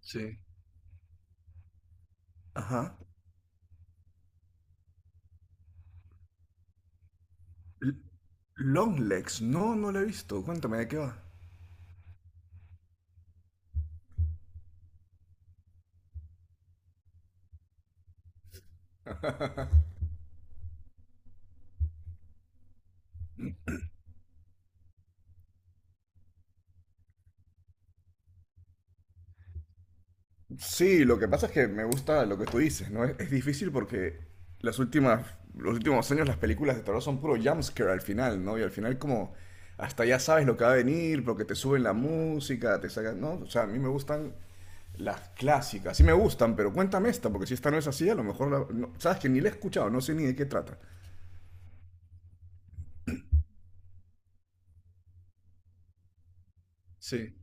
Sí. Ajá. L- Longlegs. No, no la he visto. Cuéntame de qué va. Sí, lo que pasa es que me gusta lo que tú dices, ¿no? Es difícil porque las últimas, los últimos años las películas de terror son puro jumpscare al final, ¿no? Y al final como hasta ya sabes lo que va a venir porque te suben la música, te sacan, ¿no? O sea, a mí me gustan las clásicas. Sí me gustan, pero cuéntame esta porque si esta no es así, a lo mejor sabes que ni la he escuchado, no sé ni de qué trata. Sí.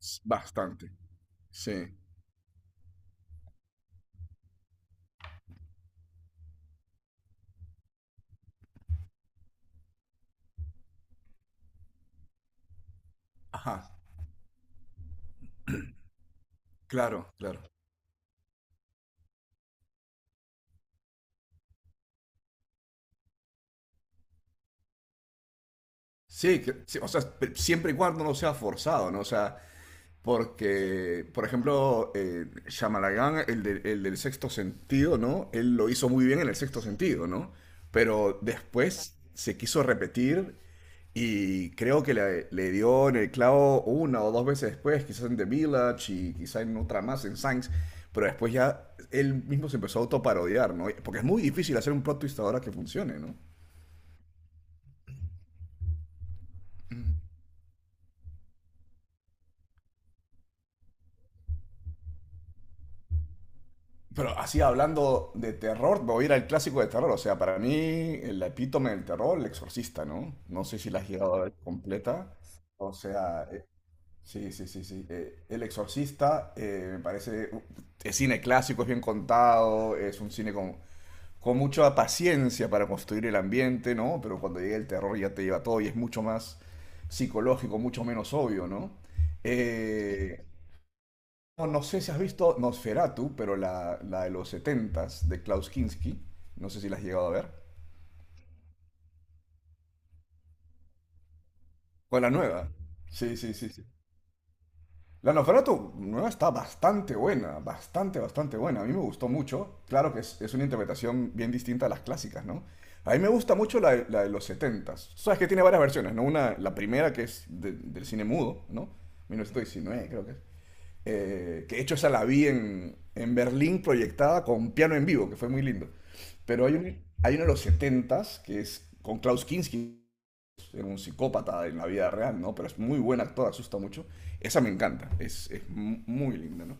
Bastante. Sí. Ajá. Claro, claro. Sí, o sea, siempre y cuando no sea forzado, ¿no? O sea, porque, por ejemplo, Shyamalan, el del sexto sentido, ¿no? Él lo hizo muy bien en el sexto sentido, ¿no? Pero después se quiso repetir y creo que le dio en el clavo una o dos veces después, quizás en The Village y quizás en otra más, en Signs, pero después ya él mismo se empezó a autoparodiar, ¿no? Porque es muy difícil hacer un plot twist ahora que funcione, ¿no? Pero así hablando de terror, me voy a ir al clásico de terror. O sea, para mí el epítome del terror, El Exorcista, ¿no? No sé si la has llegado a ver completa. O sea, sí, sí, sí, sí. El Exorcista me parece. Es cine clásico, es bien contado, es un cine con, mucha paciencia para construir el ambiente, ¿no? Pero cuando llega el terror ya te lleva todo y es mucho más psicológico, mucho menos obvio, ¿no? Eh, no, no sé si has visto Nosferatu, pero la de los setentas de Klaus Kinski. No sé si la has llegado a ver. O la nueva. Sí, sí, sí, sí. La novela nueva está bastante buena, bastante, bastante buena. A mí me gustó mucho. Claro que es una interpretación bien distinta a las clásicas, ¿no? A mí me gusta mucho la de los setentas. Sabes que tiene varias versiones, ¿no? Una, la primera que es del cine mudo, ¿no? 1919 creo que es. Que de hecho esa la vi en Berlín proyectada con piano en vivo, que fue muy lindo. Pero hay uno de los setentas que es con Klaus Kinski, era un psicópata en la vida real, ¿no? Pero es muy buen actor, asusta mucho. Esa me encanta, es muy linda, ¿no?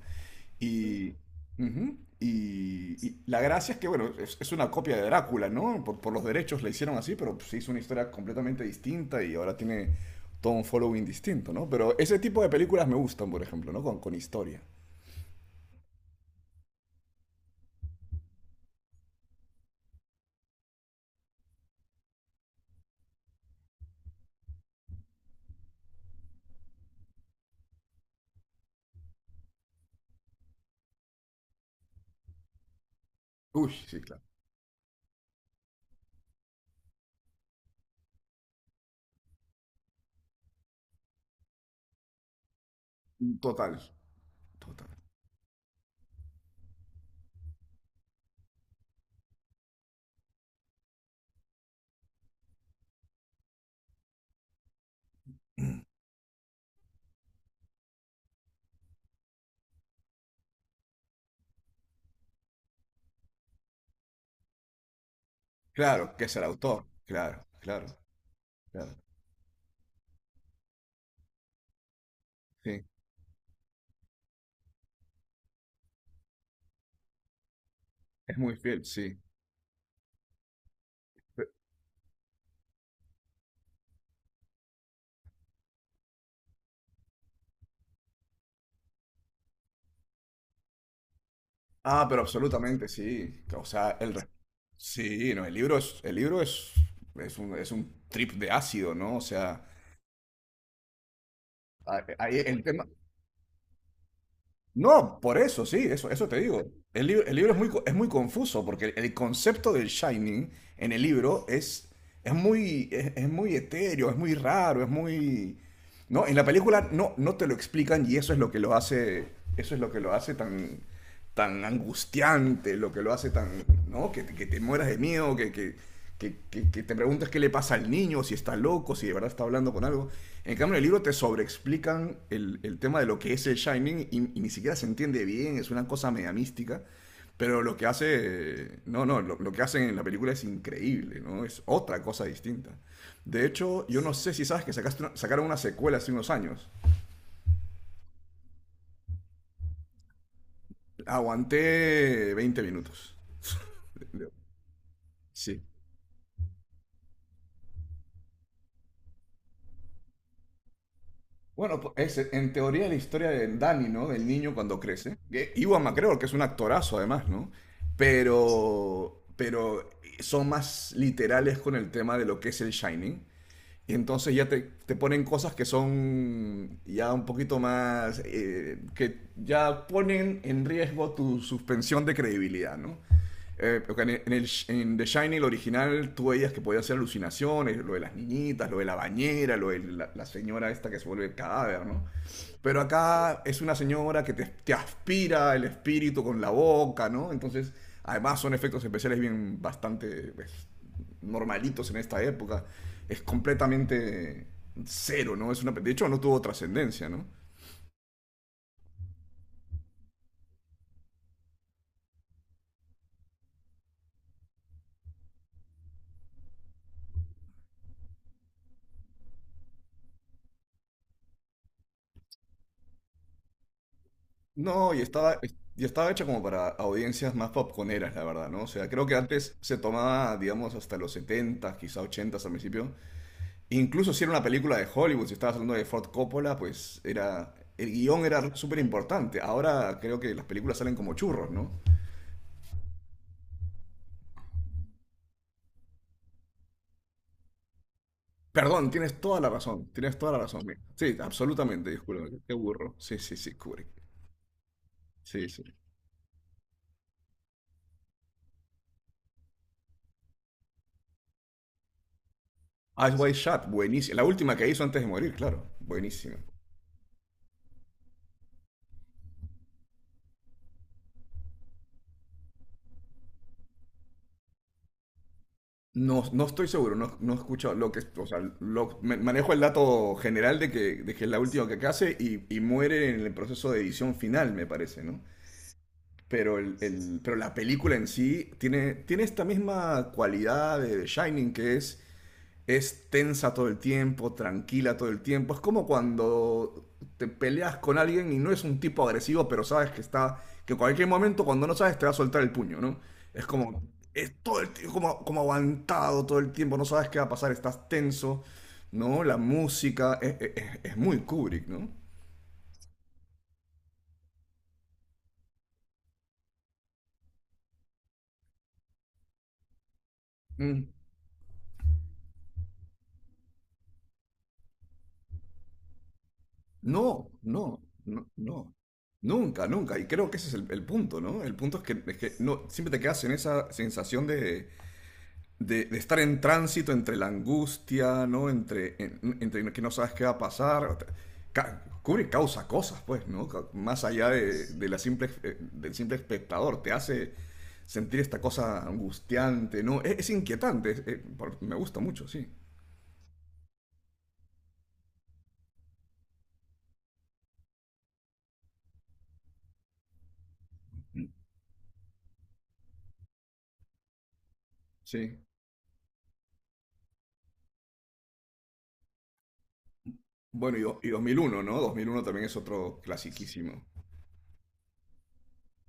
Y, Ujú. Y la gracia es que, bueno, es una copia de Drácula, ¿no? Por los derechos la hicieron así, pero pues, se hizo una historia completamente distinta y ahora tiene todo un following distinto, ¿no? Pero ese tipo de películas me gustan, por ejemplo, ¿no? Con historia. Uy, sí, claro. Total, total. Claro, que es el autor. Claro, claro, claro. Sí, es muy fiel, sí. Ah, pero absolutamente, sí. O sea. Sí, no, el libro es, es un trip de ácido, ¿no? O sea, ahí el tema. No, por eso, sí, eso te digo. El libro es muy confuso, porque el concepto del Shining en el libro es muy etéreo, es muy raro, es muy. ¿No? En la película no, no te lo explican y eso es lo que lo hace tan angustiante, lo que lo hace tan, ¿no? Que te mueras de miedo, que te preguntas qué le pasa al niño, si está loco, si de verdad está hablando con algo. En cambio, en el libro te sobreexplican el tema de lo que es el Shining y ni siquiera se entiende bien, es una cosa media mística. Pero lo que hace, no, no, lo que hacen en la película es increíble, ¿no? Es otra cosa distinta. De hecho, yo no sé si sabes que sacaron una secuela hace unos años. Aguanté 20 minutos. Sí. Bueno, pues, es en teoría la historia de Danny, ¿no? Del niño cuando crece. Que Ewan McGregor, que es un actorazo además, ¿no? Pero son más literales con el tema de lo que es el Shining. Y entonces ya te ponen cosas que son ya un poquito más, que ya ponen en riesgo tu suspensión de credibilidad, ¿no? Porque en The Shining, el original, tú veías que podía hacer alucinaciones, lo de las niñitas, lo de la bañera, lo de la señora esta que se vuelve el cadáver, ¿no? Pero acá es una señora que te aspira el espíritu con la boca, ¿no? Entonces, además son efectos especiales bien bastante pues, normalitos en esta época. Es completamente cero, ¿no? De hecho, no tuvo trascendencia, ¿no? No, y estaba hecha como para audiencias más popconeras, la verdad, ¿no? O sea, creo que antes se tomaba, digamos, hasta los 70, quizá 80 al principio, incluso si era una película de Hollywood, si estabas hablando de Ford Coppola, pues era el guión era súper importante. Ahora creo que las películas salen como churros, ¿no? Perdón, tienes toda la razón, tienes toda la razón. Mira. Sí, absolutamente, disculpa, qué burro. Sí, sí, sí, Kubrick. Sí, sí. Eyes Wide Shut, buenísima. La última que hizo antes de morir, claro, buenísima. No, no estoy seguro, no, no he escuchado lo que, o sea, manejo el dato general de que, es la última que hace y muere en el proceso de edición final, me parece, ¿no? Pero la película en sí tiene esta misma cualidad de The Shining que es tensa todo el tiempo, tranquila todo el tiempo. Es como cuando te peleas con alguien y no es un tipo agresivo, pero sabes que está, que en cualquier momento cuando no sabes te va a soltar el puño, ¿no? Es como, es todo el tiempo, como aguantado todo el tiempo, no sabes qué va a pasar, estás tenso, ¿no? La música es muy Kubrick, ¿no? Mm. No, no, no, no. Nunca, nunca. Y creo que ese es el punto, ¿no? El punto es que no, siempre te quedas en esa sensación de, de estar en tránsito entre la angustia, ¿no? Entre que no sabes qué va a pasar. Kubrick causa cosas, pues, ¿no? Más allá del simple espectador. Te hace sentir esta cosa angustiante, ¿no? Es inquietante. Me gusta mucho, sí. Sí. Bueno, y 2001, ¿no? 2001 también es otro clasiquísimo.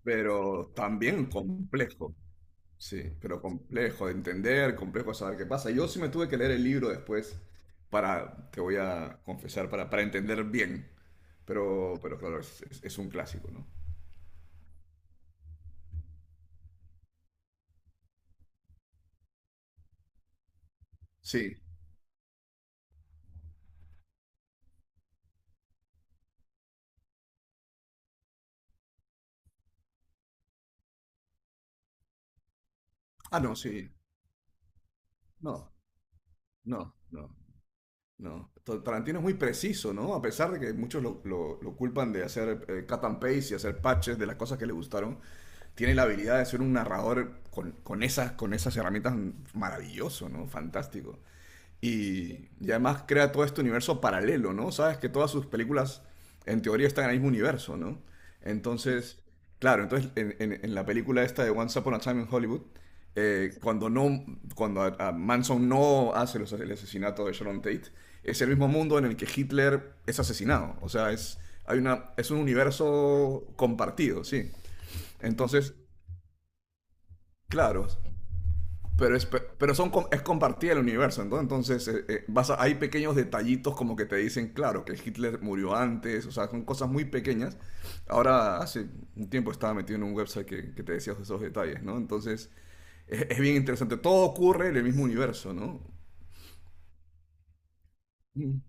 Pero también complejo, sí, pero complejo de entender, complejo de saber qué pasa. Yo sí me tuve que leer el libro después para, te voy a confesar, para entender bien, pero claro, es un clásico, ¿no? Sí. Ah, no, sí. No, no, no, no. Tarantino es muy preciso, ¿no? A pesar de que muchos lo culpan de hacer cut and paste y hacer patches de las cosas que le gustaron, tiene la habilidad de ser un narrador con esas herramientas maravilloso, ¿no? Fantástico. Y además crea todo este universo paralelo, ¿no? Sabes que todas sus películas, en teoría, están en el mismo universo, ¿no? Entonces, claro, entonces en la película esta de Once Upon a Time in Hollywood, cuando no, cuando a Manson no hace el asesinato de Sharon Tate, es el mismo mundo en el que Hitler es asesinado. O sea, es un universo compartido, sí. Entonces, claro, es compartida el universo, ¿no? Entonces hay pequeños detallitos como que te dicen, claro, que Hitler murió antes, o sea, son cosas muy pequeñas. Ahora, hace un tiempo estaba metido en un website que te decía esos detalles, ¿no? Entonces, es bien interesante, todo ocurre en el mismo universo, ¿no? Mm.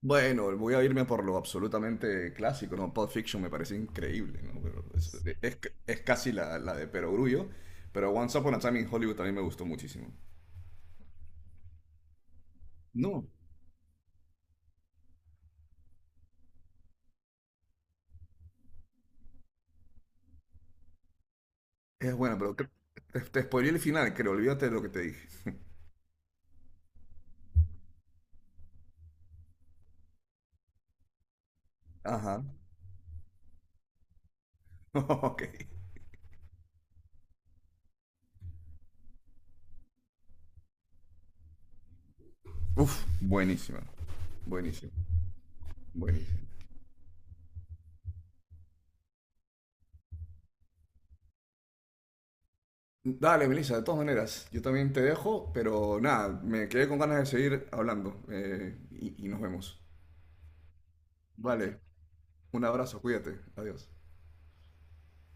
Bueno, voy a irme por lo absolutamente clásico, ¿no? Pulp Fiction me parece increíble, ¿no? Pero es- es casi la de Perogrullo, pero Once Upon a Time in Hollywood también me gustó muchísimo. No. Es bueno, pero te spoileé el final, creo. Olvídate de lo que te dije. Ajá. Ok. Uf, buenísima. Buenísima, buenísima. Dale, Melissa, de todas maneras, yo también te dejo, pero nada, me quedé con ganas de seguir hablando y nos vemos. Vale, un abrazo, cuídate, adiós.